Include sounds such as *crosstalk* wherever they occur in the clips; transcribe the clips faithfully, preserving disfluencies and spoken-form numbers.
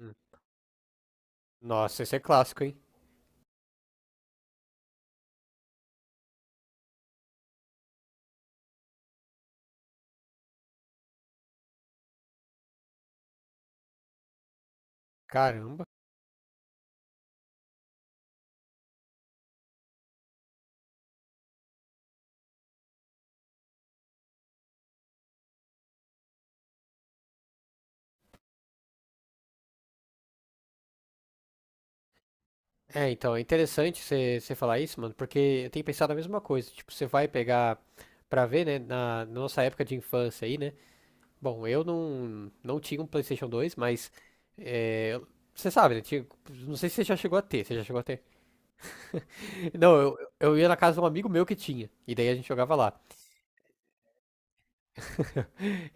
Hum. Nossa, esse é clássico, hein? Caramba. É, então, é interessante você você falar isso, mano, porque eu tenho pensado a mesma coisa. Tipo, você vai pegar pra ver, né, na na nossa época de infância aí, né? Bom, eu não, não tinha um PlayStation dois, mas é, você sabe, né? Tinha- não sei se você já chegou a ter, você já chegou a ter. *laughs* Não, eu, eu ia na casa de um amigo meu que tinha, e daí a gente jogava lá.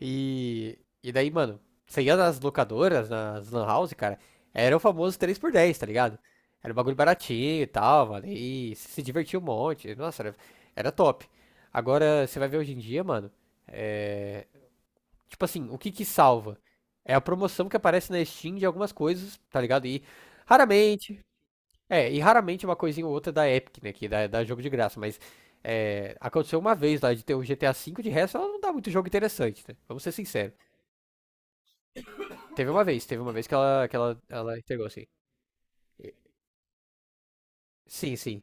E, e daí, mano, você ia nas locadoras, nas lan house, cara, era o famoso três por dez, tá ligado? Era um bagulho baratinho e tal, mano, e se divertia um monte, nossa, era, era top. Agora, você vai ver hoje em dia, mano, é, tipo assim, o que que salva? É a promoção que aparece na Steam de algumas coisas, tá ligado? E raramente, é, e raramente uma coisinha ou outra da Epic, né, que dá, dá jogo de graça, mas é, aconteceu uma vez lá de ter o G T A cinco. De resto, ela não dá muito jogo interessante, né? Vamos ser sinceros. Teve uma vez, teve uma vez que ela, que ela, ela entregou, assim. Sim, sim.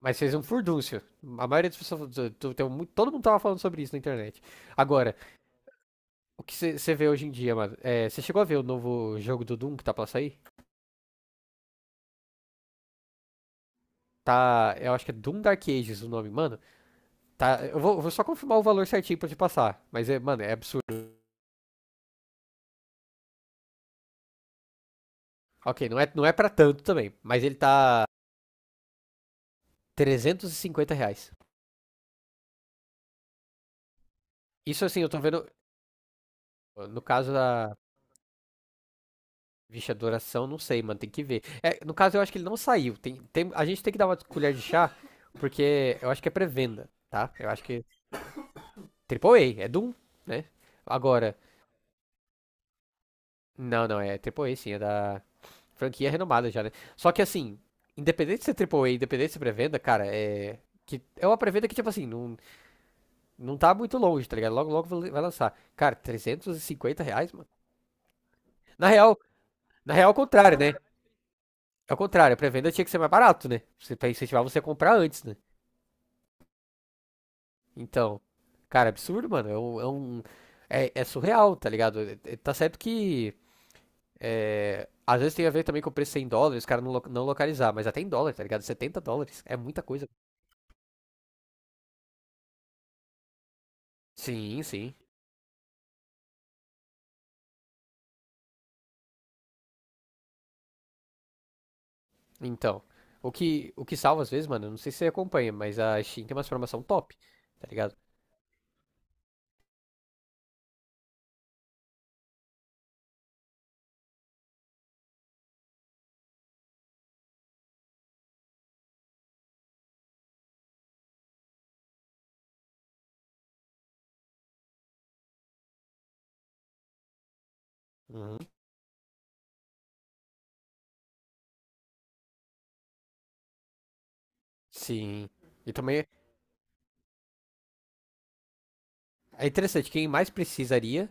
Mas fez um furdúncio. A maioria das pessoas. Do- tem mu- Todo mundo tava falando sobre isso na internet. Agora, o que você vê hoje em dia, mano? é, Você chegou a ver o novo jogo do Doom que tá pra sair? Tá. Eu acho que é Doom Dark Ages o nome, mano. Tá. Eu vou, eu vou só confirmar o valor certinho pra te passar. Mas, é, mano, é absurdo. Ok, não é, não é pra tanto também. Mas ele tá. trezentos e cinquenta reais. Isso assim, eu tô vendo. No caso da, Vixe, adoração, não sei, mano, tem que ver. É, no caso, eu acho que ele não saiu. Tem, tem, a gente tem que dar uma colher de chá, porque eu acho que é pré-venda, tá? Eu acho que. Triple A, é Doom, né? Agora. Não, não, é Triple A sim, é da franquia renomada já, né? Só que assim, independente de ser A A A, independente de ser pré-venda, cara, é. Que é uma pré-venda que, tipo assim, não, não tá muito longe, tá ligado? Logo, logo vai lançar. Cara, trezentos e cinquenta reais, mano. Na real, na real, é o contrário, né? É o contrário, a pré-venda tinha que ser mais barato, né? Você, pra incentivar você a comprar antes, né? Então, cara, absurdo, mano. É um, é um- é- é surreal, tá ligado? É- é- Tá certo que é, às vezes tem a ver também com o preço em dólares, os caras não, lo- não localizar, mas até em dólar, tá ligado? Setenta dólares é muita coisa. Sim, sim. Então, o que, o que salva às vezes, mano, eu não sei se você acompanha, mas a Steam tem uma formação top, tá ligado? Uhum. Sim. E também é interessante, quem mais precisaria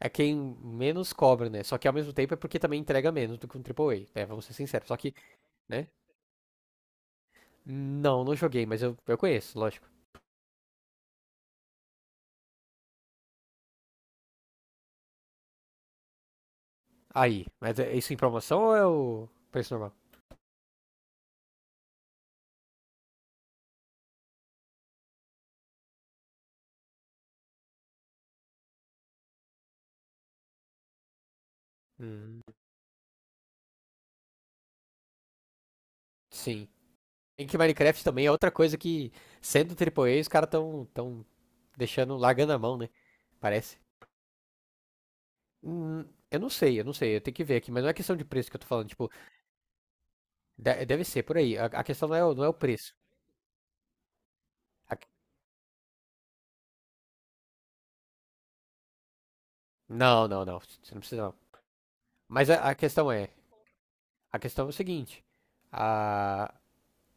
é quem menos cobra, né? Só que ao mesmo tempo é porque também entrega menos do que um A A A, né? Vamos ser sinceros. Só que, né? Não, não joguei, mas eu, eu conheço, lógico. Aí, mas é isso em promoção ou é o preço normal? Hum, sim. Em que Minecraft também é outra coisa que, sendo triplo A, os caras tão, tão deixando, largando a mão, né? Parece. Hum, eu não sei, eu não sei, eu tenho que ver aqui, mas não é questão de preço que eu tô falando, tipo, de- deve ser por aí. A, a questão não é, o- não é o preço. A- não, não, não, você não precisa não. Mas a, a questão é, a questão é o seguinte, a-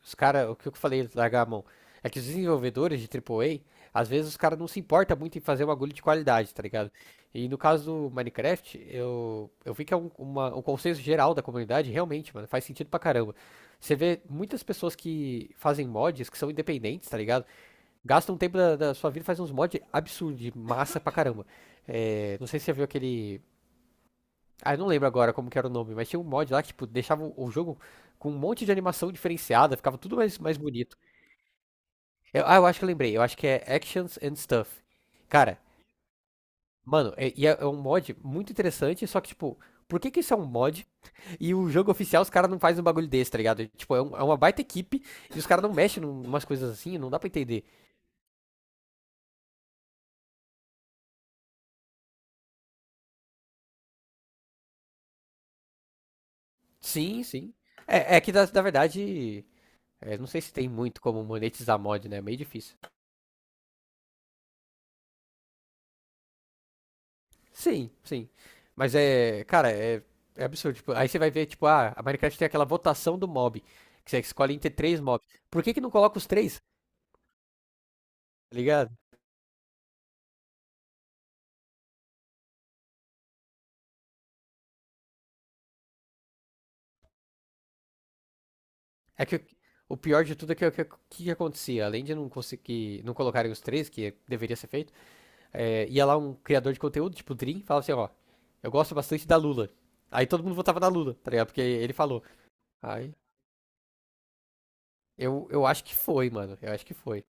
os cara, o que eu falei, largar a mão, é que os desenvolvedores de A A A, às vezes os caras não se importam muito em fazer uma agulha de qualidade, tá ligado? E no caso do Minecraft, eu, eu vi que é um, uma- um consenso geral da comunidade, realmente, mano, faz sentido pra caramba. Você vê muitas pessoas que fazem mods, que são independentes, tá ligado? Gastam um tempo da, da sua vida e fazem uns mods absurdos, de massa pra caramba. É, não sei se você viu aquele ah, eu não lembro agora como que era o nome, mas tinha um mod lá que, tipo, deixava o o jogo com um monte de animação diferenciada, ficava tudo mais, mais, bonito. Eu- ah, eu acho que eu lembrei, eu acho que é Actions and Stuff. Cara, mano, é, e é, é um mod muito interessante, só que, tipo, por que que isso é um mod e o jogo oficial os caras não fazem um bagulho desse, tá ligado? Tipo, é, um- é uma baita equipe e os caras não mexem num- numas coisas assim, não dá pra entender. Sim, sim. É, é que, na, na verdade, é, não sei se tem muito como monetizar mod, né? É meio difícil. Sim, sim. Mas é, cara, é, é absurdo. Tipo, aí você vai ver, tipo, ah, a Minecraft tem aquela votação do mob, que você escolhe entre três mobs. Por que que não coloca os três? Tá ligado? É que o o pior de tudo é que o que, que que acontecia, além de não conseguir, não colocarem os três, que deveria ser feito, é, ia lá um criador de conteúdo, tipo o Dream, e falava assim, ó, eu gosto bastante da Lula. Aí todo mundo votava na Lula, tá ligado? Porque ele falou. Aí, eu, eu acho que foi, mano. Eu acho que foi.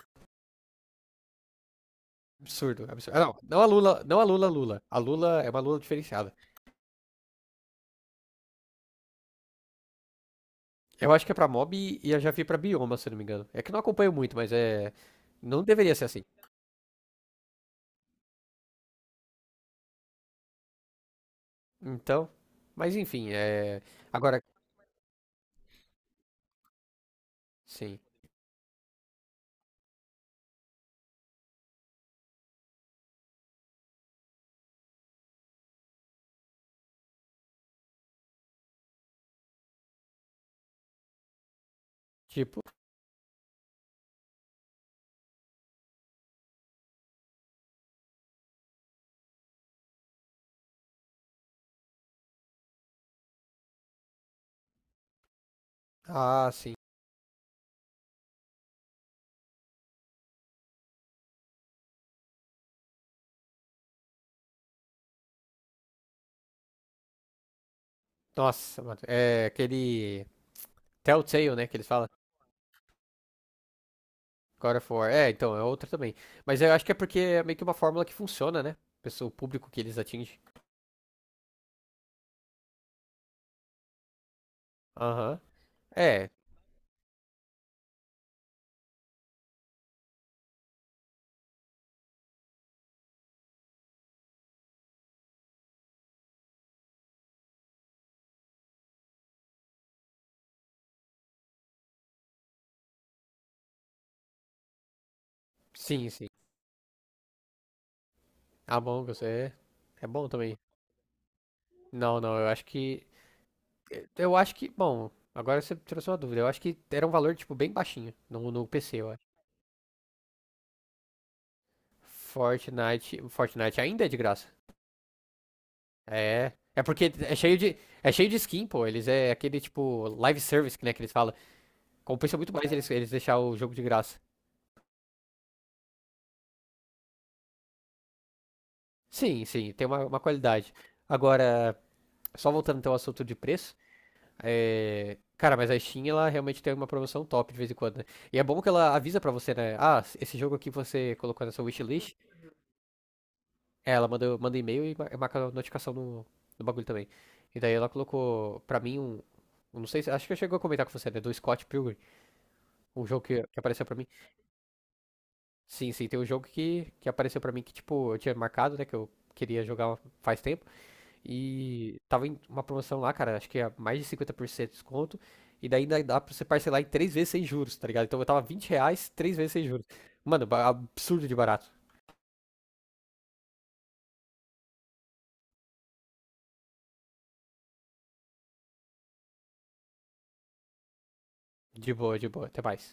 Absurdo, absurdo. Ah, não, não a Lula, não a Lula Lula. A Lula é uma Lula diferenciada. Eu acho que é pra mob e e eu já vi pra bioma, se eu não me engano. É que eu não acompanho muito, mas é. Não deveria ser assim. Então. Mas enfim, é. Agora, sim. Tipo. Ah, sim. Nossa, mano. É aquele. Telltale, né? Que eles falam. God of War. É, então, é outra também. Mas eu acho que é porque é meio que uma fórmula que funciona, né? Pessoa, o público que eles atingem. Aham. É, sim, sim. Among Us é. É bom também. Não, não, eu acho que. É, eu acho que, bom, agora você trouxe uma dúvida. Eu acho que era um valor, tipo, bem baixinho no, no P C, eu acho. Fortnite, Fortnite ainda é de graça. É. É porque é cheio de, é cheio de skin, pô. Eles é aquele, tipo, live service, né, que eles falam. Compensa muito mais eles, eles deixar o jogo de graça. Sim, sim, tem uma, uma qualidade. Agora, só voltando então ao assunto de preço, é, cara, mas a Steam, ela realmente tem uma promoção top de vez em quando, né? E é bom que ela avisa pra você, né? Ah, esse jogo aqui você colocou na sua wishlist. É, ela manda, manda e-mail e mar- marca notificação no, no bagulho também. E daí ela colocou pra mim um. Eu Não sei se. Acho que eu chegou a comentar com você, né? Do Scott Pilgrim. O jogo que, que apareceu pra mim. Sim, sim, tem um jogo que, que apareceu pra mim que, tipo, eu tinha marcado, né? Que eu queria jogar faz tempo. E tava em uma promoção lá, cara. Acho que é mais de cinquenta por cento de desconto. E daí ainda dá pra você parcelar em três vezes sem juros, tá ligado? Então eu tava vinte reais, três vezes sem juros. Mano, ba- absurdo de barato. De boa, de boa. Até mais.